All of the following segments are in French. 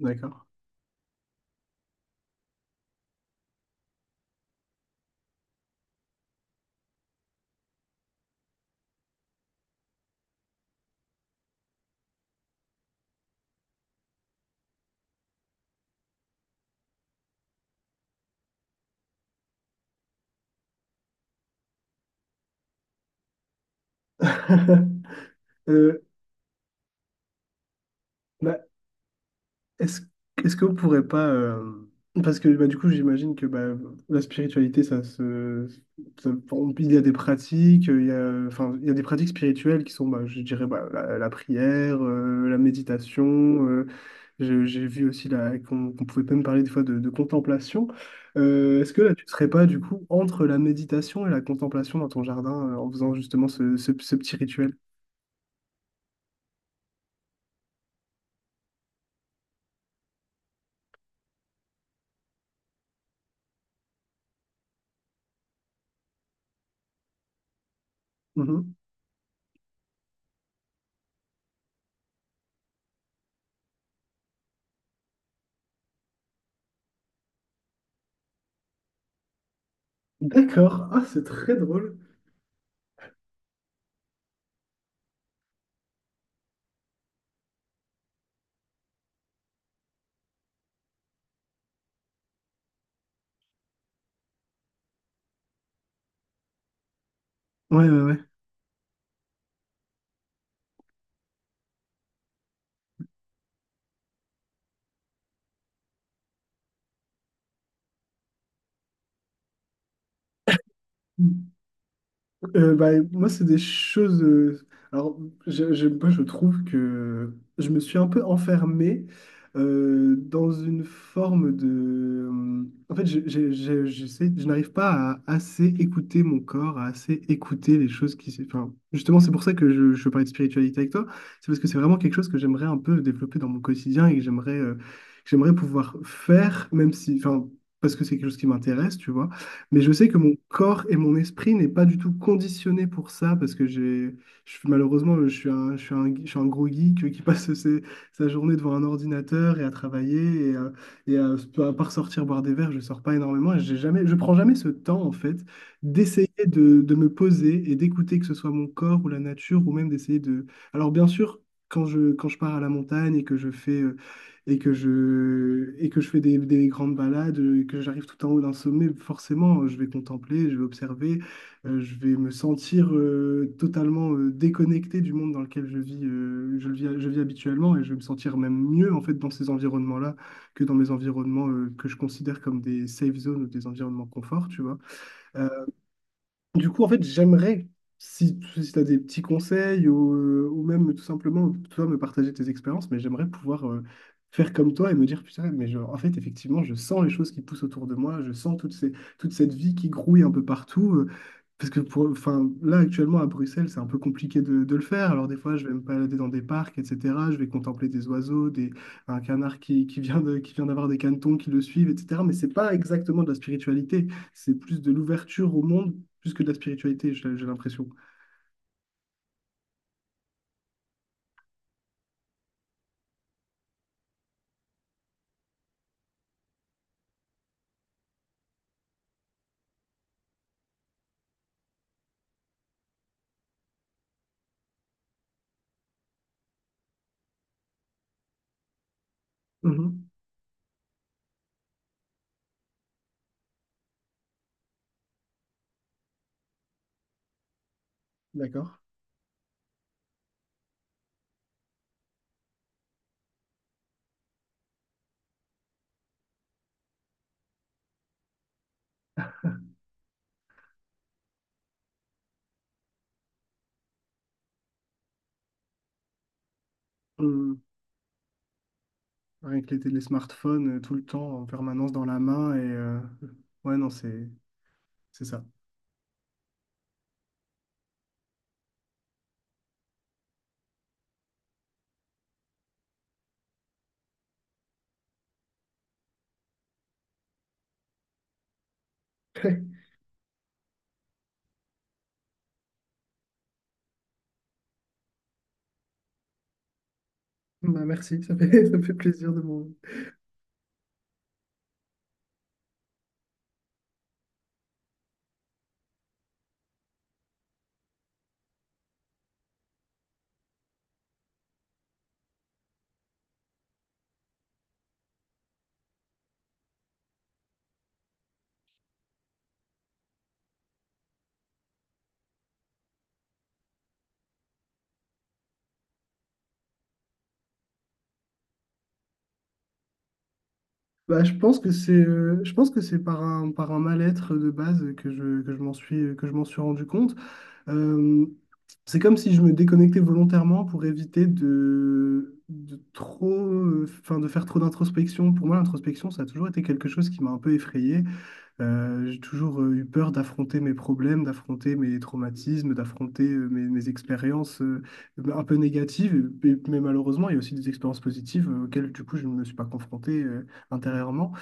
D'accord. Euh, Bah, est-ce, est-ce qu'on pourrait pas... Parce que bah, du coup, j'imagine que bah, la spiritualité, ça se... bon, il y a des pratiques, il y a des pratiques spirituelles qui sont, bah, je dirais, bah, la prière, la méditation. J'ai vu aussi là, qu'on pouvait même parler des fois de contemplation. Est-ce que là, tu serais pas, du coup, entre la méditation et la contemplation dans ton jardin, en faisant justement ce petit rituel? Mm-hmm. D'accord. Ah, c'est très drôle. Ouais, ouais, ouais. Bah, moi, c'est des choses. Alors, moi, je trouve que je me suis un peu enfermé dans une forme de. En fait, je n'arrive pas à assez écouter mon corps, à assez écouter les choses Enfin, justement, c'est pour ça que je parlais de spiritualité avec toi. C'est parce que c'est vraiment quelque chose que j'aimerais un peu développer dans mon quotidien et que j'aimerais pouvoir faire, même si. Enfin, parce que c'est quelque chose qui m'intéresse, tu vois. Mais je sais que mon corps et mon esprit n'est pas du tout conditionné pour ça, parce que je suis, malheureusement, je suis un, je suis un, je suis un gros geek qui passe sa journée devant un ordinateur et à travailler, et à, à part sortir boire des verres, je sors pas énormément, et j'ai jamais, je prends jamais ce temps, en fait, d'essayer de me poser et d'écouter que ce soit mon corps ou la nature, ou même d'essayer de... Alors bien sûr, quand je pars à la montagne et que je fais et que je fais des grandes balades, et que j'arrive tout en haut d'un sommet, forcément, je vais contempler, je vais observer, je vais me sentir totalement déconnecté du monde dans lequel je vis, je le vis, je vis habituellement, et je vais me sentir même mieux en fait dans ces environnements-là que dans mes environnements que je considère comme des safe zones ou des environnements confort, tu vois. Euh, du coup, en fait, j'aimerais, si, tu as des petits conseils ou même tout simplement, toi, me partager tes expériences, mais j'aimerais pouvoir faire comme toi et me dire, putain, mais je- en fait, effectivement, je sens les choses qui poussent autour de moi, je sens toute cette vie qui grouille un peu partout. Parce que enfin, là, actuellement, à Bruxelles, c'est un peu compliqué de le faire. Alors, des fois, je vais me balader dans des parcs, etc. Je vais contempler des oiseaux, un canard qui vient d'avoir des canetons qui le suivent, etc. Mais c'est pas exactement de la spiritualité. C'est plus de l'ouverture au monde plus que de la spiritualité, j'ai l'impression. Mhm. D'accord. Hum, Rien les smartphones, tout le temps, en permanence dans la main. Et ouais, non, c'est ça. Bah, merci, ça fait, ça fait plaisir de m'en... Bah, je pense que c'est par un mal-être de base que je m'en suis, que je m'en suis rendu compte. Euh, c'est comme si je me déconnectais volontairement pour éviter de trop, enfin, de faire trop d'introspection. Pour moi, l'introspection, ça a toujours été quelque chose qui m'a un peu effrayé. J'ai toujours eu peur d'affronter mes problèmes, d'affronter mes traumatismes, d'affronter mes expériences un peu négatives. Et- mais malheureusement, il y a aussi des expériences positives auxquelles, du coup, je ne me suis pas confronté intérieurement.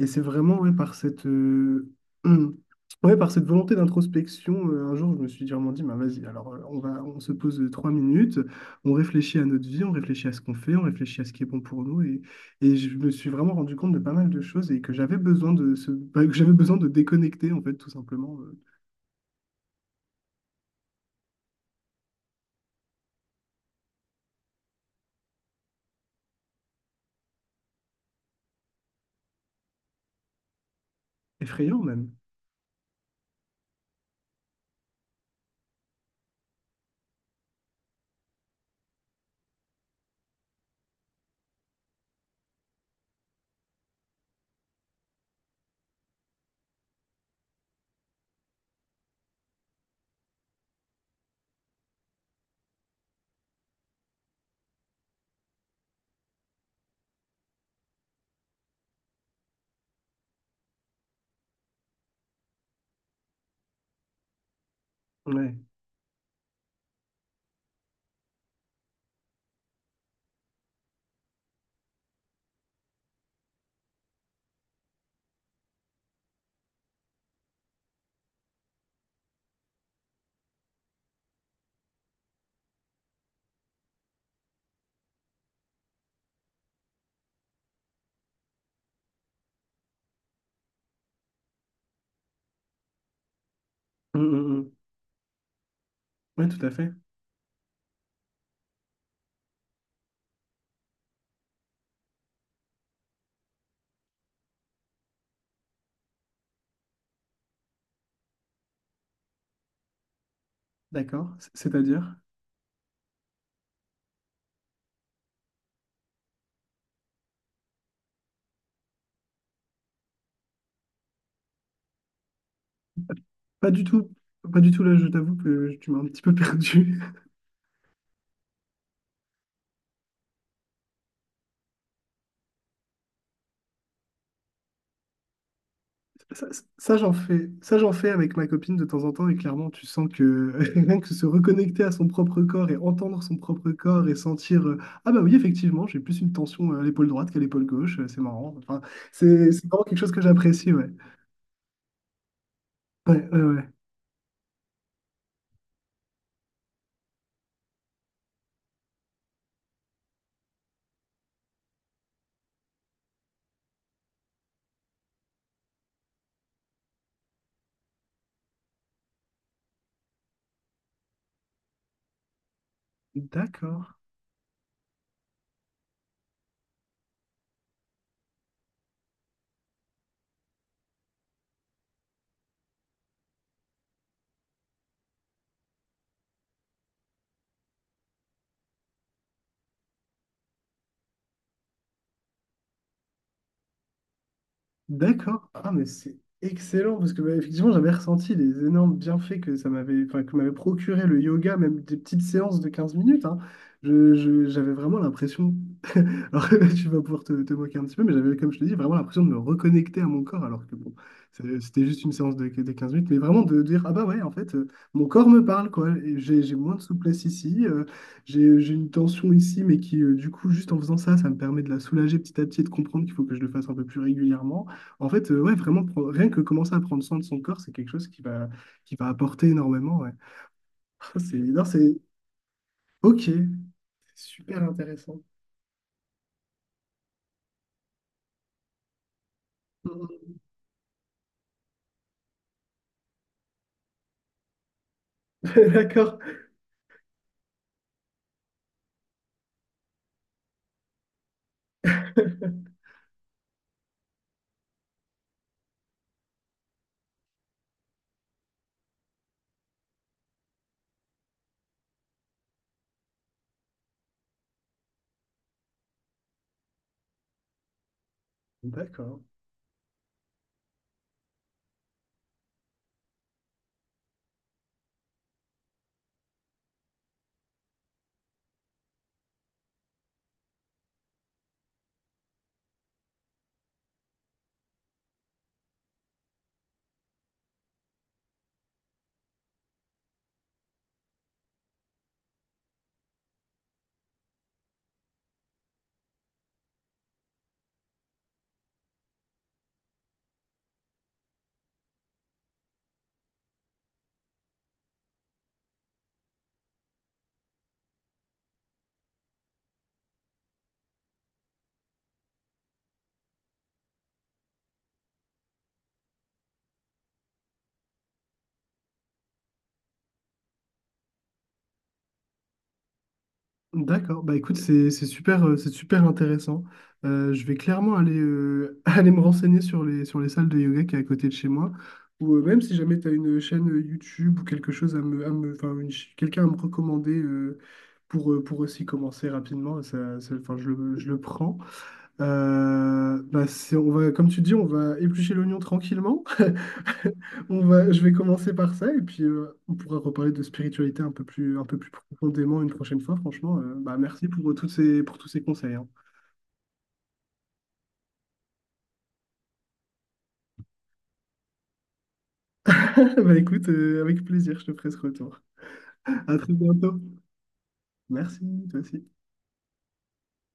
Et c'est vraiment ouais, par cette, ouais, par cette volonté d'introspection, un jour, je me suis vraiment dit, bah, vas-y, alors on se pose 3 minutes, on réfléchit à notre vie, on réfléchit à ce qu'on fait, on réfléchit à ce qui est bon pour nous. Et je me suis vraiment rendu compte de pas mal de choses et que j'avais besoin de déconnecter, en fait, tout simplement. Effrayant même. Ouais. Mm, mm, mm. Ouais, tout à fait. D'accord. C'est-à-dire? Pas du tout. Pas du tout, là, je t'avoue que tu m'as un petit peu perdu. Ça, j'en fais. Ça, j'en fais avec ma copine de temps en temps et clairement, tu sens que rien que se reconnecter à son propre corps et entendre son propre corps et sentir Ah bah oui, effectivement, j'ai plus une tension à l'épaule droite qu'à l'épaule gauche, c'est marrant. Enfin, c'est vraiment quelque chose que j'apprécie, ouais. Ouais, ouais, ouais. D'accord. D'accord. Ah, mais c'est excellent parce que bah, effectivement, j'avais ressenti les énormes bienfaits que ça m'avait, enfin, que m'avait procuré le yoga, même des petites séances de 15 minutes. Hein. J'avais vraiment l'impression, alors tu vas pouvoir te, te moquer un petit peu, mais j'avais, comme je te dis, vraiment l'impression de me reconnecter à mon corps, alors que bon, c'était juste une séance de 15 minutes, mais vraiment de dire, ah bah ouais, en fait, mon corps me parle, quoi. Et j'ai moins de souplesse ici, j'ai une tension ici, mais qui, du coup, juste en faisant ça, ça me permet de la soulager petit à petit et de comprendre qu'il faut que je le fasse un peu plus régulièrement. En fait, ouais, vraiment, rien que commencer à prendre soin de son corps, c'est quelque chose qui va apporter énormément. Ouais. C'est, non, c'est ok, c'est super intéressant. D'accord. D'accord. D'accord. Bah écoute, c'est super, c'est super intéressant. Je vais clairement aller, aller me renseigner sur les salles de yoga qui est à côté de chez moi. Ou même si jamais tu as une chaîne YouTube ou quelque chose à me, enfin, quelqu'un à me recommander pour aussi commencer rapidement, enfin, je le prends. Bah, on va, comme tu dis, on va éplucher l'oignon tranquillement. Je vais commencer par ça et puis on pourra reparler de spiritualité un peu plus profondément une prochaine fois. Franchement, bah, merci pour pour tous ces conseils. Hein. Bah, écoute, avec plaisir, je te ferai ce retour. À très bientôt. Merci, toi aussi.